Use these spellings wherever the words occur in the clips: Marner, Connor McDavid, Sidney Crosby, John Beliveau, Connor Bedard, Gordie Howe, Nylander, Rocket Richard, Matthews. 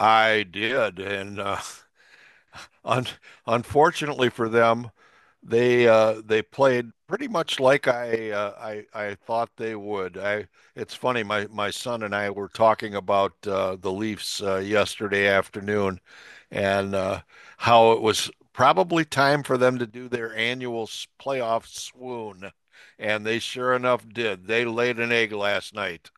I did, and un unfortunately for them, they played pretty much like I thought they would. I It's funny. My son and I were talking about the Leafs yesterday afternoon, and how it was probably time for them to do their annual playoff swoon, and they sure enough did. They laid an egg last night.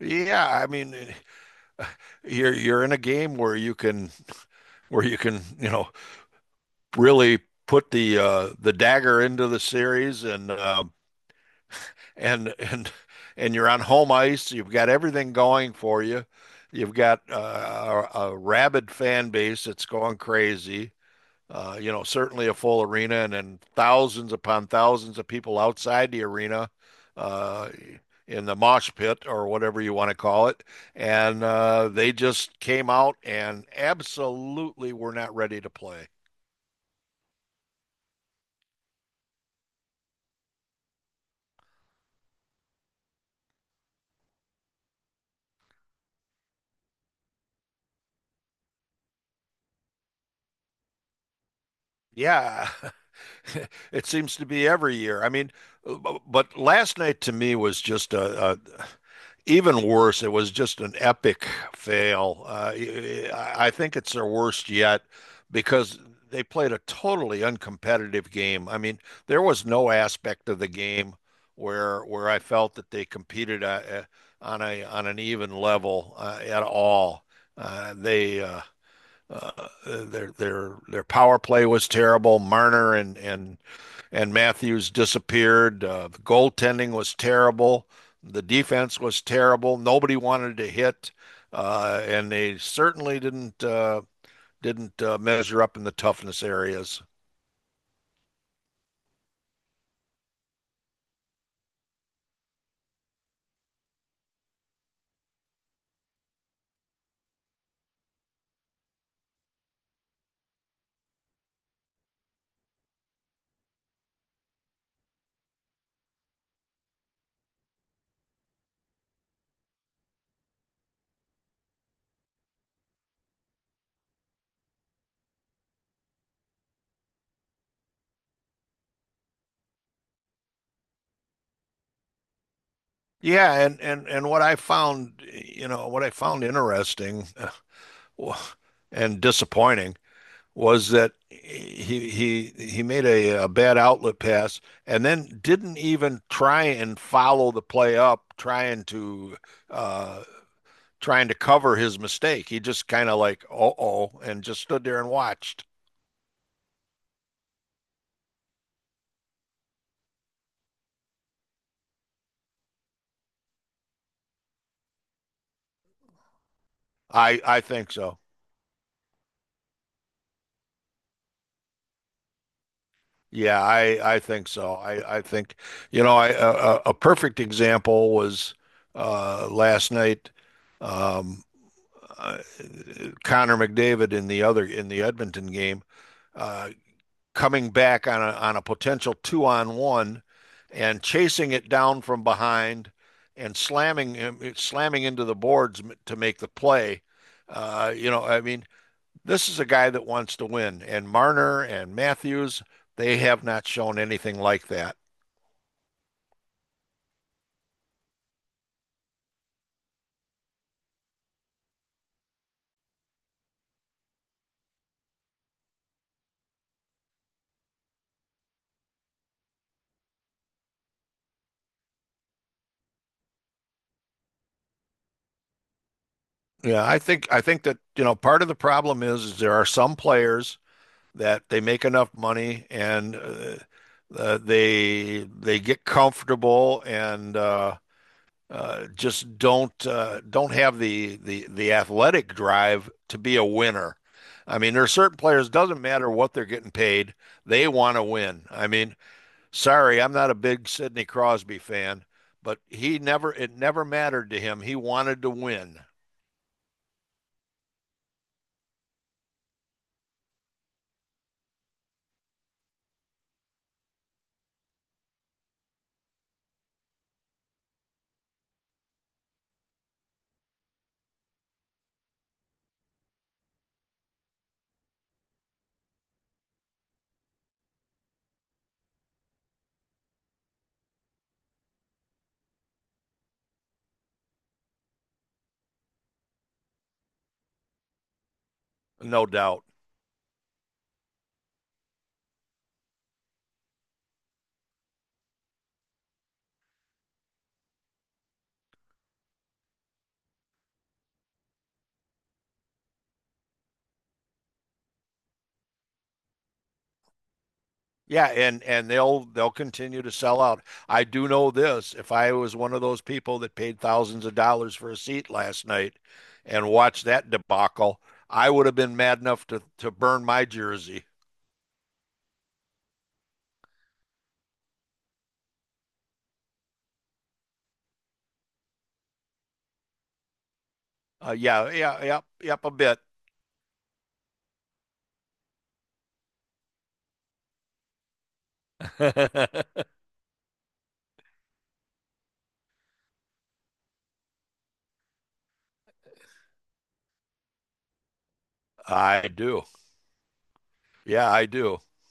Yeah, I mean, you're in a game where you can, you know, really put the dagger into the series and and and you're on home ice. You've got everything going for you. You've got a rabid fan base that's going crazy. Certainly a full arena, and then thousands upon thousands of people outside the arena uh, in the mosh pit or whatever you want to call it. And They just came out and absolutely were not ready to play. Yeah, it seems to be every year. I mean, but last night to me was just a even worse. It was just an epic fail. I think it's their worst yet because they played a totally uncompetitive game. I mean, there was no aspect of the game where I felt that they competed on a on an even level at all. They uh, their power play was terrible. Marner and Matthews disappeared. The goaltending was terrible. The defense was terrible. Nobody wanted to hit, and they certainly didn't measure up in the toughness areas. Yeah, and what I found interesting and disappointing was that he made a bad outlet pass and then didn't even try and follow the play up, uh, trying to cover his mistake. He just kind of like oh and just stood there and watched. I think so. Yeah, I think so. I think you know I, a perfect example was last night. Um, uh, Connor McDavid in the other in the Edmonton game. Uh, Coming back on a potential two on one and chasing it down from behind and slamming into the boards to make the play. I mean, this is a guy that wants to win, and Marner and Matthews, they have not shown anything like that. Yeah, I think that, you know, part of the problem is there are some players that they make enough money and they get comfortable and just don't have the athletic drive to be a winner. I mean, there are certain players, doesn't matter what they're getting paid, they want to win. I mean, sorry, I'm not a big Sidney Crosby fan, but he never it never mattered to him. He wanted to win. No doubt. Yeah, and they'll continue to sell out. I do know this, if I was one of those people that paid thousands of dollars for a seat last night and watched that debacle, I would have been mad enough to burn my jersey. Yeah, yeah, yep, yep, a bit. I do. Yeah, I do.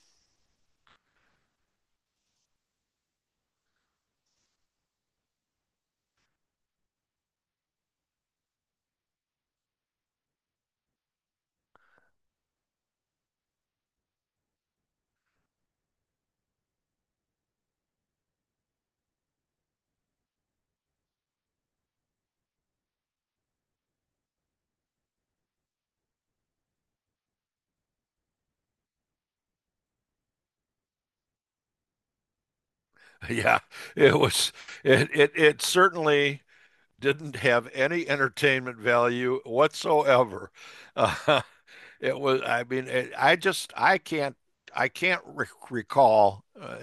Yeah, it was it certainly didn't have any entertainment value whatsoever. Uh, I mean, I just, I can't recall uh,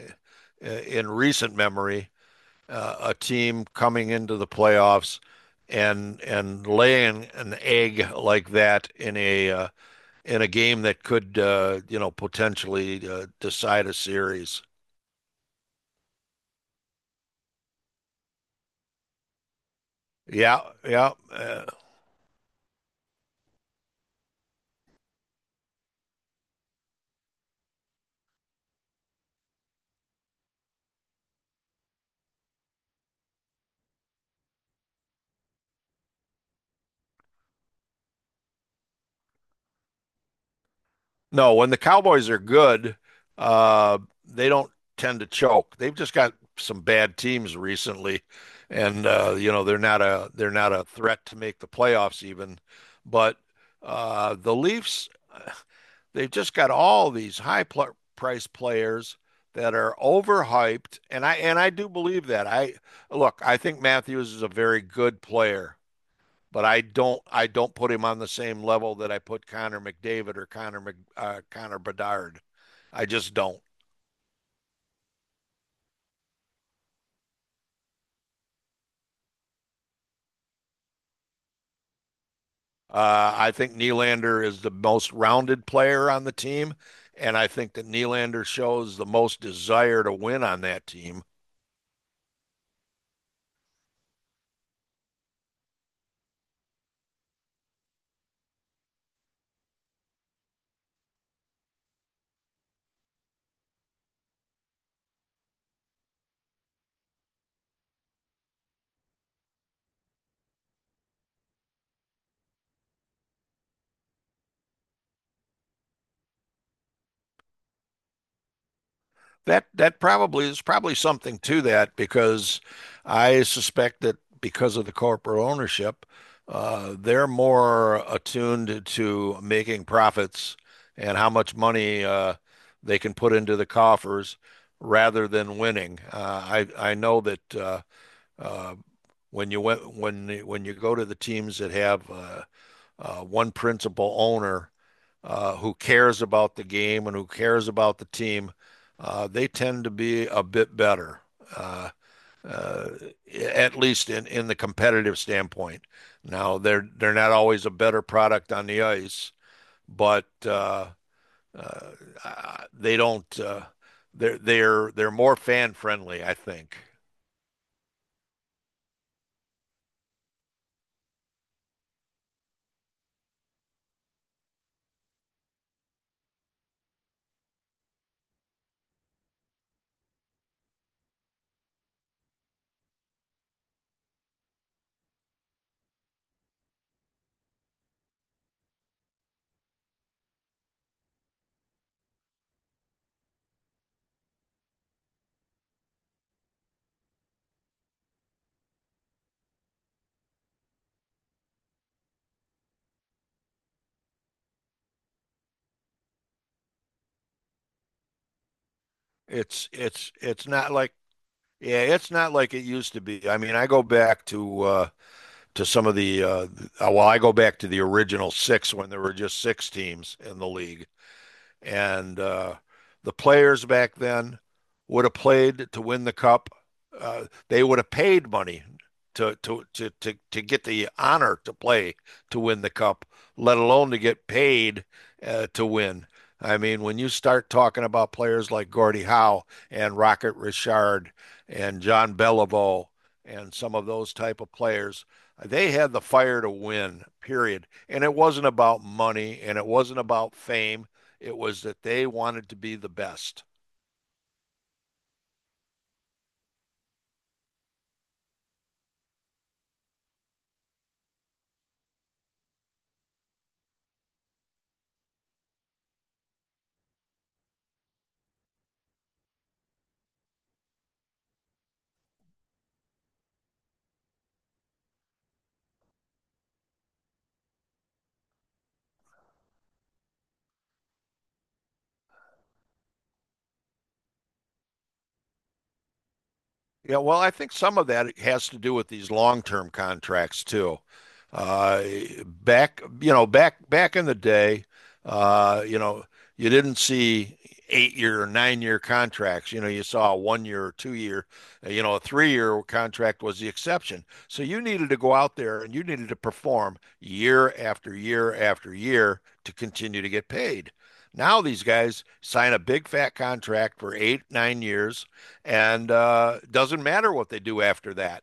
uh, in recent memory a team coming into the playoffs and laying an egg like that in a game that could potentially decide a series. Yeah, yeah. No, when the Cowboys are good, uh, they don't tend to choke. They've just got some bad teams recently, and you know they're not a threat to make the playoffs even. But the Leafs, they've just got all these high pl price players that are overhyped, and I do believe that. I Look, I think Matthews is a very good player but I don't put him on the same level that I put Connor McDavid or Connor Bedard. I just don't. I think Nylander is the most rounded player on the team, and I think that Nylander shows the most desire to win on that team. That probably is probably something to that because I suspect that because of the corporate ownership, they're more attuned to making profits and how much money they can put into the coffers rather than winning. I know that uh, when you go to the teams that have one principal owner who cares about the game and who cares about the team, they tend to be a bit better, uh, uh, at least in the competitive standpoint. Now they're not always a better product on the ice, but they don't they're more fan friendly. I think it's not like yeah, it's not like it used to be. I mean, I go back to some of the oh, well, I go back to the original six when there were just six teams in the league, and the players back then would have played to win the cup. They would have paid money to get the honor to play to win the cup, let alone to get paid to win. I mean, when you start talking about players like Gordie Howe and Rocket Richard and John Beliveau and some of those type of players, they had the fire to win, period. And it wasn't about money and it wasn't about fame. It was that they wanted to be the best. Yeah, well, I think some of that has to do with these long-term contracts too. Uh, back in the day, uh, you know, you didn't see 8-year or 9-year contracts. You know, you saw a 1-year or 2-year, a 3-year contract was the exception. So you needed to go out there and you needed to perform year after year after year to continue to get paid. Now these guys sign a big fat contract for 8, 9 years, and doesn't matter what they do after that.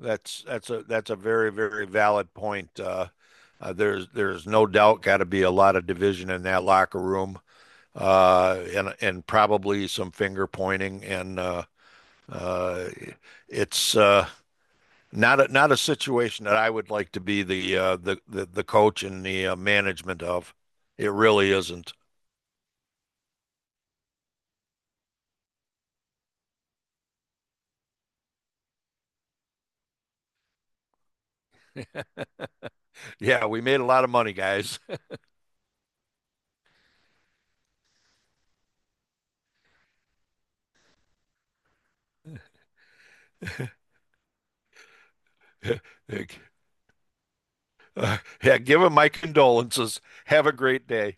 That's a very very valid point. There's no doubt got to be a lot of division in that locker room, and probably some finger pointing, and uh, it's not a situation that I would like to be the coach and the management of. It really isn't. Yeah, we made a lot of money, guys. Yeah, give him my condolences. Have a great day.